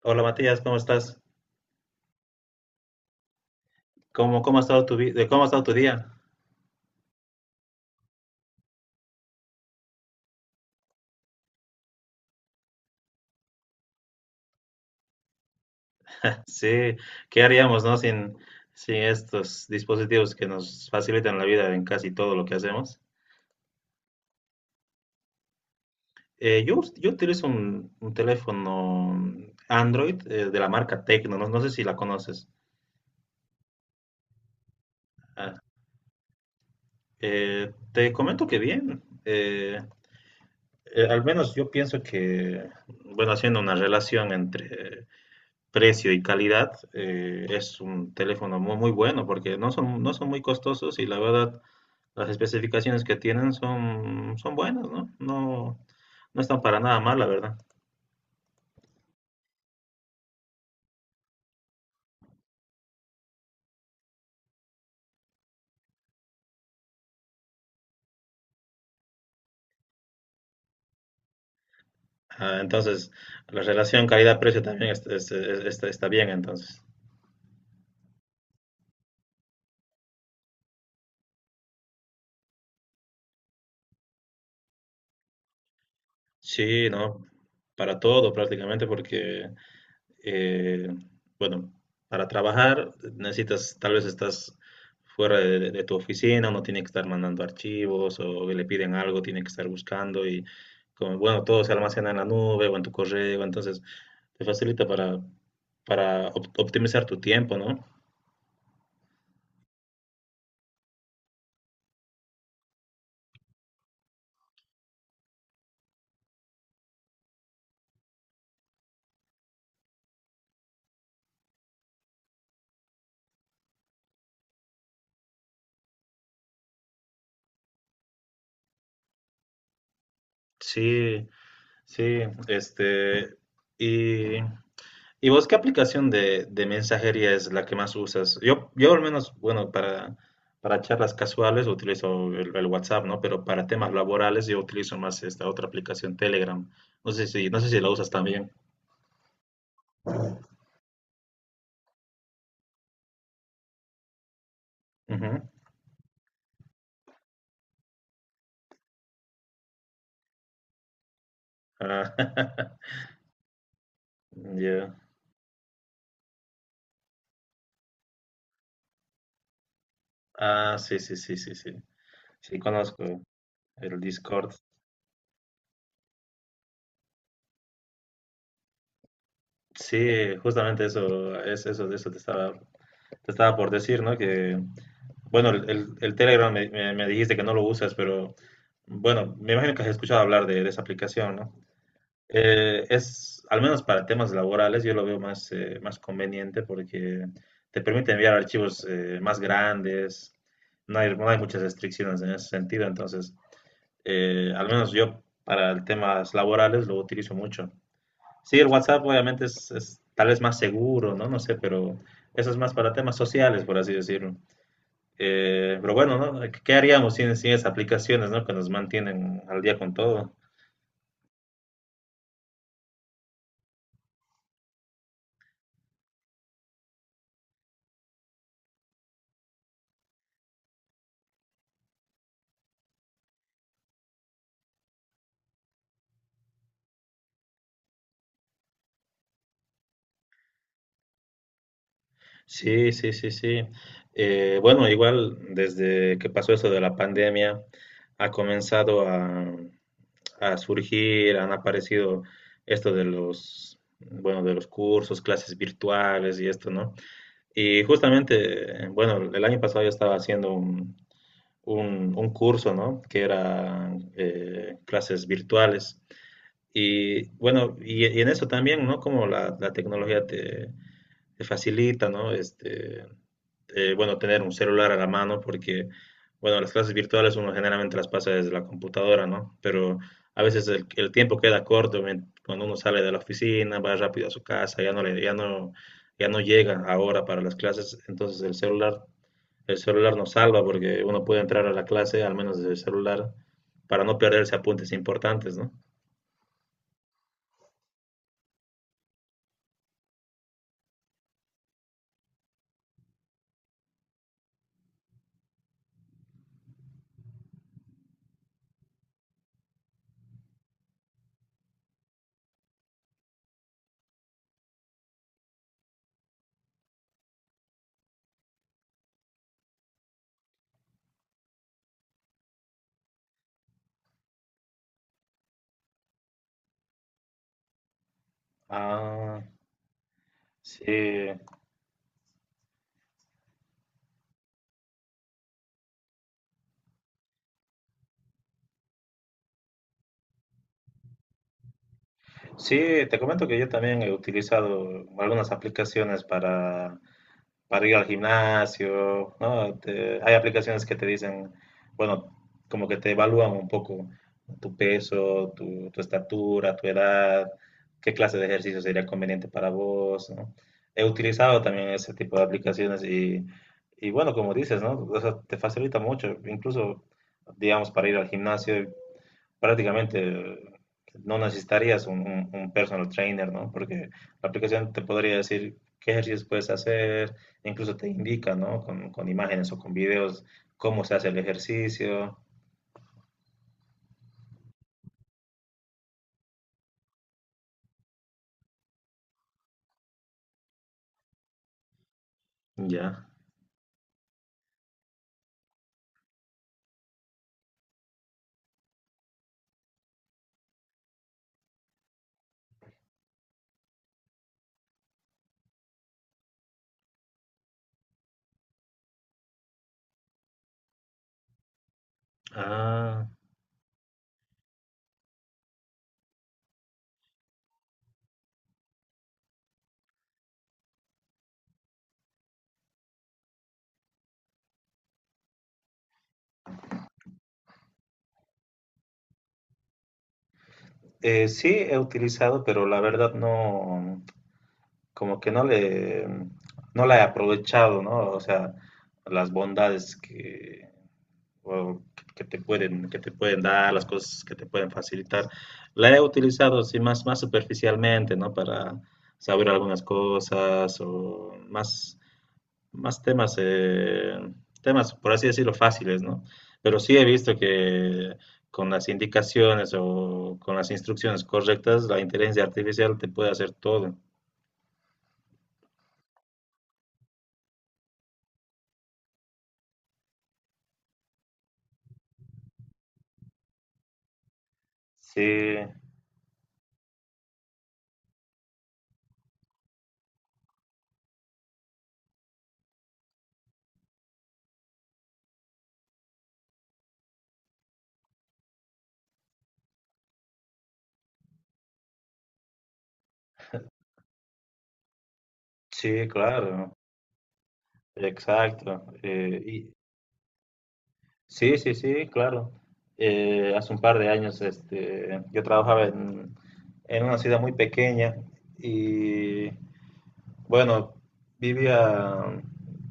Hola Matías, ¿cómo estás? ¿Cómo ha estado tu cómo ha estado tu día? Sí, ¿qué haríamos, no? Sin estos dispositivos que nos facilitan la vida en casi todo lo que hacemos. Yo, yo utilizo un teléfono Android de la marca Tecno, no, no sé si la conoces. Ah, te comento que bien. Al menos yo pienso que, bueno, haciendo una relación entre precio y calidad, es un teléfono muy, muy bueno porque no son, no son muy costosos y la verdad las especificaciones que tienen son, son buenas, ¿no? No, no están para nada mal, la verdad. Ah, entonces, la relación calidad-precio también está, está bien, entonces. Sí, ¿no? Para todo prácticamente porque eh, bueno, para trabajar necesitas, tal vez estás fuera de tu oficina, uno tiene que estar mandando archivos o le piden algo, tiene que estar buscando y como, bueno, todo se almacena en la nube o en tu correo, entonces te facilita para optimizar tu tiempo, ¿no? Sí, sí, este, y ¿Y vos qué aplicación de mensajería es la que más usas? Yo al menos, bueno, para charlas casuales utilizo el WhatsApp, ¿no? Pero para temas laborales yo utilizo más esta otra aplicación, Telegram. No sé si, no sé si la usas también. Ujú. Ah, ya. Ah, sí, sí, sí, sí, sí. Sí, conozco el Discord. Sí, justamente eso, es eso, de eso te estaba por decir, ¿no? Que, bueno, el Telegram me, me dijiste que no lo usas, pero bueno, me imagino que has escuchado hablar de esa aplicación, ¿no? Es, al menos para temas laborales, yo lo veo más, más conveniente porque te permite enviar archivos más grandes, no hay, no hay muchas restricciones en ese sentido, entonces, al menos yo para temas laborales lo utilizo mucho. Sí, el WhatsApp obviamente es tal vez más seguro, ¿no? No sé, pero eso es más para temas sociales, por así decirlo. Pero bueno, ¿no? ¿Qué haríamos sin, sin esas aplicaciones, ¿no? Que nos mantienen al día con todo. Sí, sí, sí, sí. Bueno, igual desde que pasó eso de la pandemia, ha comenzado a surgir, han aparecido esto de los, bueno, de los cursos, clases virtuales y esto, ¿no? Y justamente, bueno, el año pasado yo estaba haciendo un curso, ¿no? Que era clases virtuales. Y bueno, y en eso también, ¿no? Como la tecnología te, te facilita, ¿no? Este, bueno, tener un celular a la mano porque, bueno, las clases virtuales uno generalmente las pasa desde la computadora, ¿no? Pero a veces el tiempo queda corto cuando uno sale de la oficina, va rápido a su casa, ya no le, ya no, ya no llega ahora para las clases, entonces el celular nos salva porque uno puede entrar a la clase al menos desde el celular para no perderse apuntes importantes, ¿no? Ah, sí. Sí, te comento que yo también he utilizado algunas aplicaciones para ir al gimnasio, ¿no? Hay aplicaciones que te dicen, bueno, como que te evalúan un poco tu peso, tu estatura, tu edad, qué clase de ejercicio sería conveniente para vos, ¿no? He utilizado también ese tipo de aplicaciones y bueno, como dices, ¿no? O sea, te facilita mucho, incluso, digamos, para ir al gimnasio prácticamente no necesitarías un, un personal trainer, ¿no? Porque la aplicación te podría decir qué ejercicios puedes hacer, incluso te indica, ¿no? Con imágenes o con videos cómo se hace el ejercicio. Ya. Ah, sí he utilizado, pero la verdad no, como que no le, no la he aprovechado, ¿no? O sea, las bondades que, o que te pueden dar, las cosas que te pueden facilitar. La he utilizado así más, más superficialmente, ¿no? Para saber algunas cosas o más, más temas, temas, por así decirlo, fáciles, ¿no? Pero sí he visto que con las indicaciones o con las instrucciones correctas, la inteligencia artificial te puede hacer todo. Sí, sí, claro, exacto. Sí, sí, sí, claro. Hace un par de años este, yo trabajaba en una ciudad muy pequeña y bueno, vivía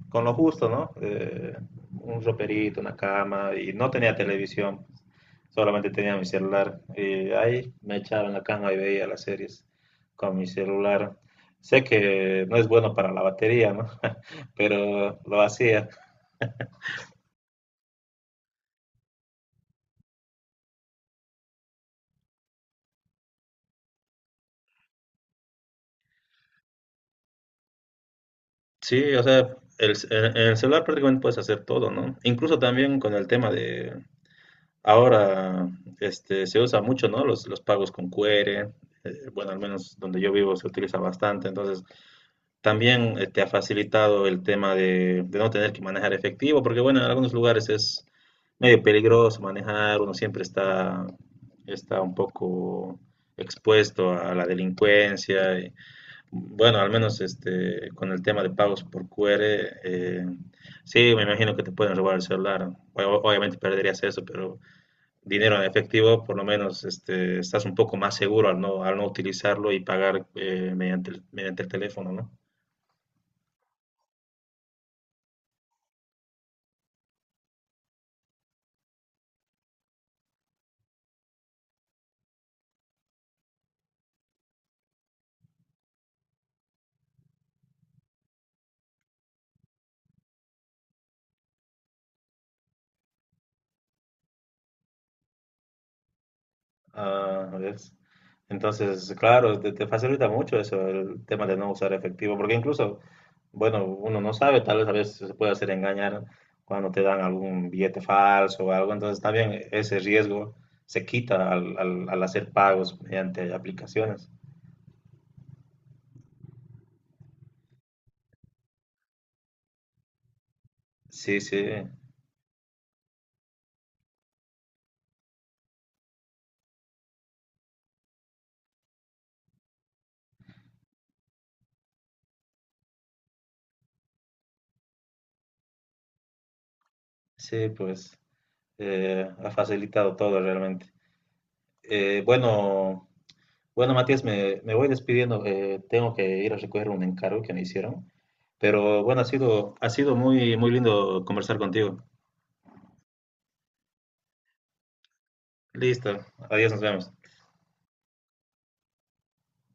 con lo justo, ¿no? Un roperito, una cama y no tenía televisión, solamente tenía mi celular. Y ahí me echaba en la cama y veía las series con mi celular. Sé que no es bueno para la batería, ¿no? Pero lo hacía. Sí, o sea, en el celular prácticamente puedes hacer todo, ¿no? Incluso también con el tema de, ahora este, se usa mucho, ¿no? Los pagos con QR, bueno, al menos donde yo vivo se utiliza bastante, entonces también te ha facilitado el tema de no tener que manejar efectivo, porque bueno, en algunos lugares es medio peligroso manejar, uno siempre está, está un poco expuesto a la delincuencia bueno, al menos este, con el tema de pagos por QR, eh, sí, me imagino que te pueden robar el celular. Obviamente perderías eso, pero dinero en efectivo, por lo menos este, estás un poco más seguro al no utilizarlo y pagar mediante el teléfono, ¿no? Ah, ¿ves? Entonces, claro, te facilita mucho eso, el tema de no usar efectivo, porque incluso, bueno, uno no sabe, tal vez a veces se puede hacer engañar cuando te dan algún billete falso o algo, entonces también ese riesgo se quita al, al hacer pagos mediante aplicaciones. Sí, sí, sí, pues ha facilitado todo realmente. Eh, bueno. Bueno, Matías, me voy despidiendo. Tengo que ir a recoger un encargo que me hicieron. Pero bueno, ha sido muy, muy lindo conversar contigo. Listo. Adiós, nos vemos.